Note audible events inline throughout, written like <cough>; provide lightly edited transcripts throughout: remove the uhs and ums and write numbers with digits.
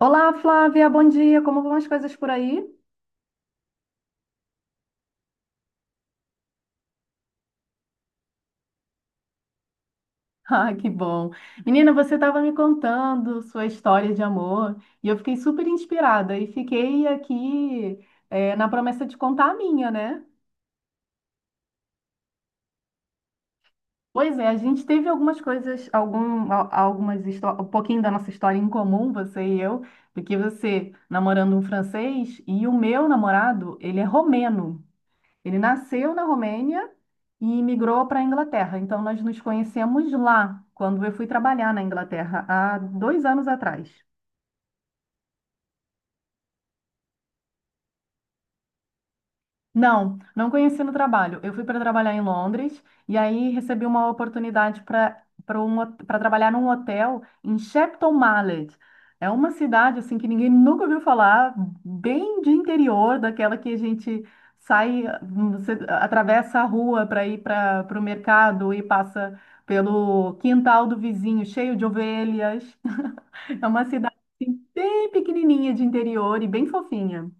Olá, Flávia, bom dia. Como vão as coisas por aí? <laughs> Ah, que bom. Menina, você estava me contando sua história de amor e eu fiquei super inspirada e fiquei aqui, na promessa de contar a minha, né? Pois é, a gente teve algumas coisas, algum, al- algumas histó- um pouquinho da nossa história em comum, você e eu, porque você namorando um francês e o meu namorado, ele é romeno. Ele nasceu na Romênia e migrou para a Inglaterra. Então, nós nos conhecemos lá, quando eu fui trabalhar na Inglaterra, há dois anos atrás. Não, não conheci no trabalho. Eu fui para trabalhar em Londres e aí recebi uma oportunidade para trabalhar num hotel em Shepton Mallet. É uma cidade assim que ninguém nunca ouviu falar, bem de interior, daquela que a gente sai, você atravessa a rua para ir para o mercado e passa pelo quintal do vizinho, cheio de ovelhas. <laughs> É uma cidade assim, bem pequenininha de interior e bem fofinha.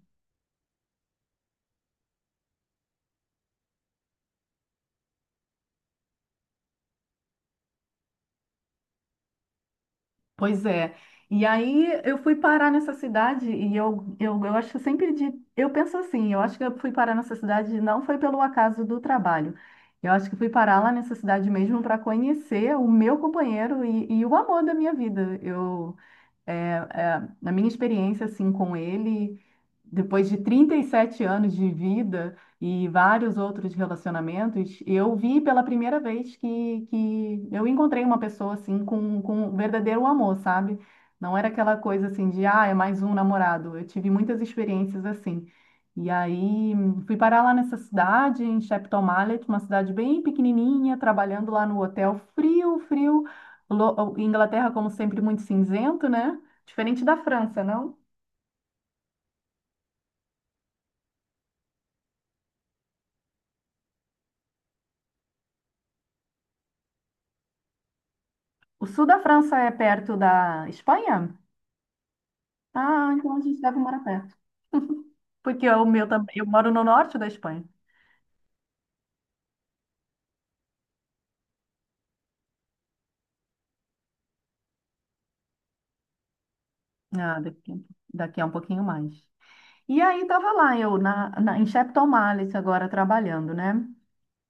Pois é. E aí eu fui parar nessa cidade e eu acho que eu penso assim, eu acho que eu fui parar nessa cidade não foi pelo acaso do trabalho. Eu acho que fui parar lá nessa cidade mesmo para conhecer o meu companheiro e o amor da minha vida. Na minha experiência assim com ele, depois de 37 anos de vida e vários outros relacionamentos, eu vi pela primeira vez que eu encontrei uma pessoa assim com um verdadeiro amor, sabe? Não era aquela coisa assim de, ah, é mais um namorado. Eu tive muitas experiências assim. E aí fui parar lá nessa cidade, em Shepton Mallet, uma cidade bem pequenininha, trabalhando lá no hotel frio, frio. Inglaterra, como sempre, muito cinzento, né? Diferente da França, não? O sul da França é perto da Espanha? Ah, então a gente deve morar perto. Porque o meu também, eu moro no norte da Espanha. Ah, daqui a um pouquinho mais. E aí estava lá eu em Shepton agora trabalhando, né?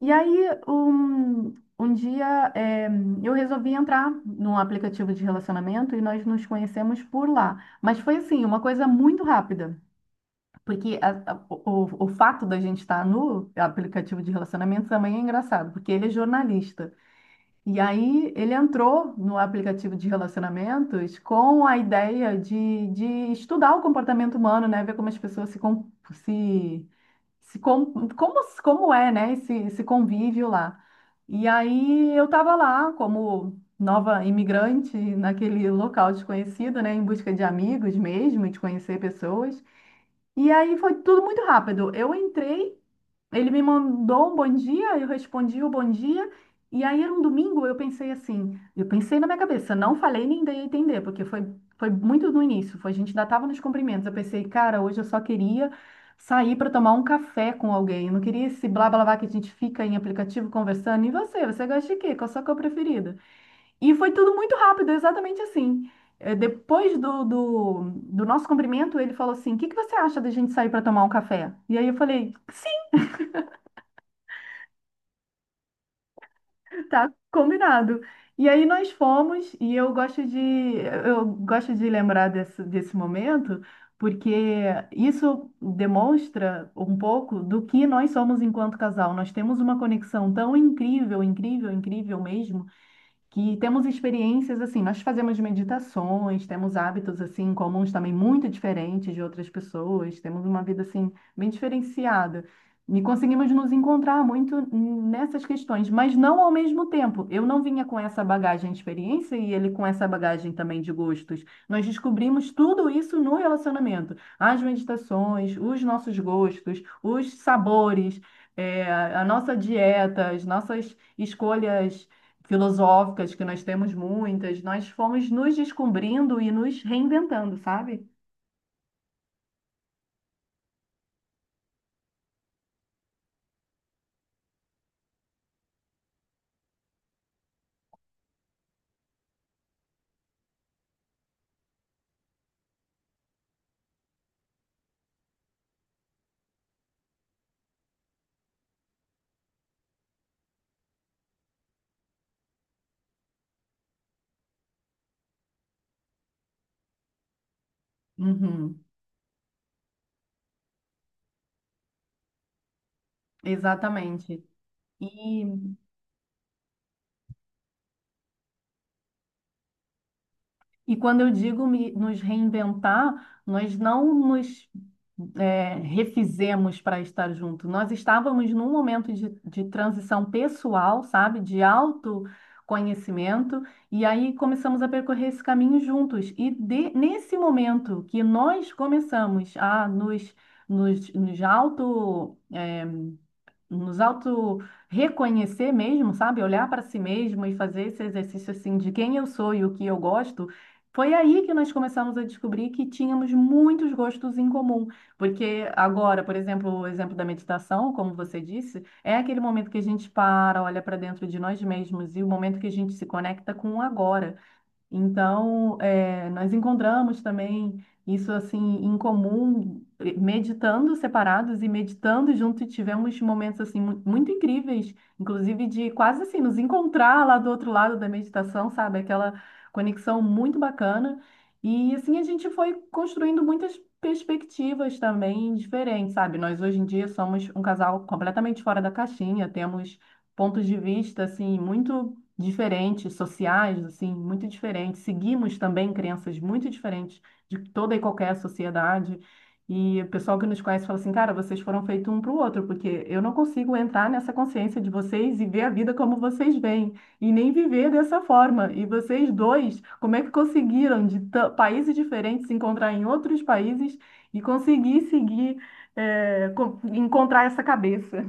E aí um, Um dia eu resolvi entrar num aplicativo de relacionamento e nós nos conhecemos por lá. Mas foi assim, uma coisa muito rápida. Porque o fato da gente estar no aplicativo de relacionamento também é engraçado, porque ele é jornalista. E aí ele entrou no aplicativo de relacionamentos com a ideia de estudar o comportamento humano, né? Ver como as pessoas se como é, né? Esse convívio lá. E aí eu estava lá como nova imigrante naquele local desconhecido, né? Em busca de amigos mesmo, e de conhecer pessoas. E aí foi tudo muito rápido. Eu entrei, ele me mandou um bom dia, eu respondi o bom dia. E aí era um domingo, eu pensei assim, eu pensei na minha cabeça, não falei nem dei a entender, porque foi muito no início, foi, a gente ainda estava nos cumprimentos. Eu pensei, cara, hoje eu só queria sair para tomar um café com alguém. Eu não queria esse blá blá blá que a gente fica em aplicativo conversando. E você gosta de quê? Qual a sua cor preferida? E foi tudo muito rápido, exatamente assim. Depois do nosso cumprimento, ele falou assim: O que que você acha da gente sair para tomar um café? E aí eu falei: Sim, tá combinado. E aí nós fomos, e eu gosto de lembrar desse momento, porque isso demonstra um pouco do que nós somos enquanto casal. Nós temos uma conexão tão incrível, incrível, incrível mesmo que temos experiências assim, nós fazemos meditações, temos hábitos assim comuns também muito diferentes de outras pessoas, temos uma vida assim bem diferenciada. E conseguimos nos encontrar muito nessas questões, mas não ao mesmo tempo. Eu não vinha com essa bagagem de experiência e ele com essa bagagem também de gostos. Nós descobrimos tudo isso no relacionamento. As meditações, os nossos gostos, os sabores, eh, a nossa dieta, as nossas escolhas filosóficas, que nós temos muitas, nós fomos nos descobrindo e nos reinventando, sabe? Uhum, exatamente. E E quando eu digo nos reinventar, nós não nos é, refizemos para estar junto. Nós estávamos num momento de transição pessoal, sabe? De autoconhecimento. E aí começamos a percorrer esse caminho juntos. E nesse momento que nós começamos a nos, nos, nos auto, é, nos auto reconhecer mesmo, sabe? Olhar para si mesmo e fazer esse exercício assim de quem eu sou e o que eu gosto. Foi aí que nós começamos a descobrir que tínhamos muitos gostos em comum, porque agora, por exemplo, o exemplo da meditação, como você disse, é aquele momento que a gente para, olha para dentro de nós mesmos e o momento que a gente se conecta com o agora. Então, nós encontramos também isso assim em comum, meditando separados e meditando junto, e tivemos momentos assim muito incríveis, inclusive de quase assim nos encontrar lá do outro lado da meditação, sabe? Aquela conexão muito bacana. E assim a gente foi construindo muitas perspectivas também diferentes, sabe? Nós hoje em dia somos um casal completamente fora da caixinha, temos pontos de vista assim muito diferentes, sociais, assim, muito diferentes. Seguimos também crenças muito diferentes de toda e qualquer sociedade. E o pessoal que nos conhece fala assim, cara, vocês foram feitos um para o outro, porque eu não consigo entrar nessa consciência de vocês e ver a vida como vocês veem, e nem viver dessa forma. E vocês dois, como é que conseguiram de países diferentes se encontrar em outros países e conseguir seguir, encontrar essa cabeça?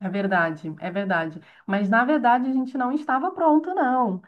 É verdade, é verdade. Mas na verdade a gente não estava pronto, não.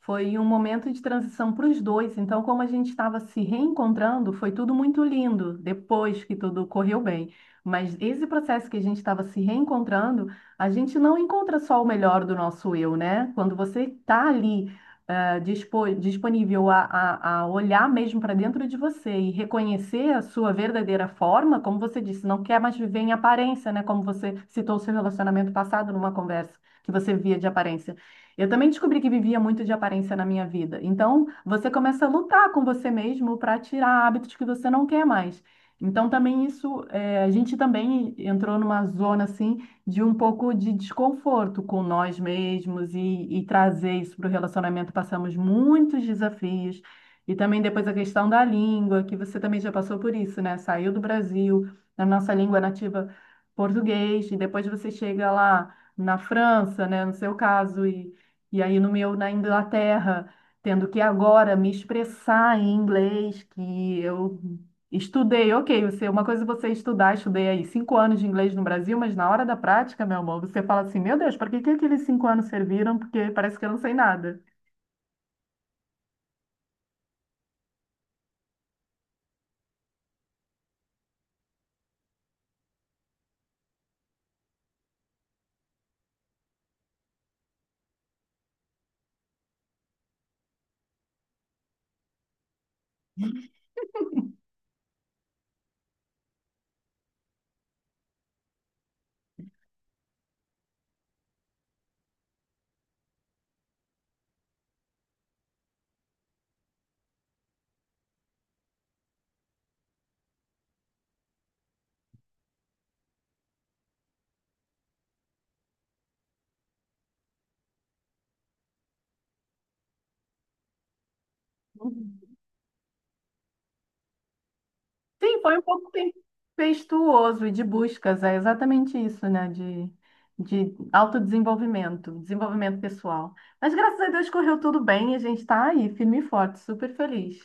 Foi um momento de transição para os dois. Então, como a gente estava se reencontrando, foi tudo muito lindo depois que tudo correu bem. Mas esse processo que a gente estava se reencontrando, a gente não encontra só o melhor do nosso eu, né? Quando você está ali ah, disponível a olhar mesmo para dentro de você e reconhecer a sua verdadeira forma, como você disse, não quer mais viver em aparência, né? Como você citou o seu relacionamento passado numa conversa que você via de aparência. Eu também descobri que vivia muito de aparência na minha vida. Então, você começa a lutar com você mesmo para tirar hábitos que você não quer mais. Então, também isso, a gente também entrou numa zona assim de um pouco de desconforto com nós mesmos e trazer isso para o relacionamento. Passamos muitos desafios. E também depois a questão da língua, que você também já passou por isso, né? Saiu do Brasil, na nossa língua nativa português, e depois você chega lá na França, né? No seu caso, e aí no meu, na Inglaterra, tendo que agora me expressar em inglês, que eu estudei, ok, você, uma coisa é você estudar, estudei aí 5 anos de inglês no Brasil, mas na hora da prática, meu amor, você fala assim, meu Deus, para que que aqueles 5 anos serviram? Porque parece que eu não sei nada. Uhum. Sim, foi um pouco tempestuoso e de buscas, é exatamente isso, né? De autodesenvolvimento, desenvolvimento pessoal. Mas graças a Deus correu tudo bem e a gente tá aí, firme e forte, super feliz.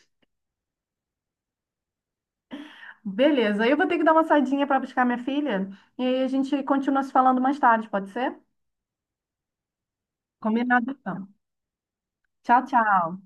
Beleza, eu vou ter que dar uma saidinha para buscar minha filha e aí a gente continua se falando mais tarde, pode ser? Combinado, então. Tchau, tchau.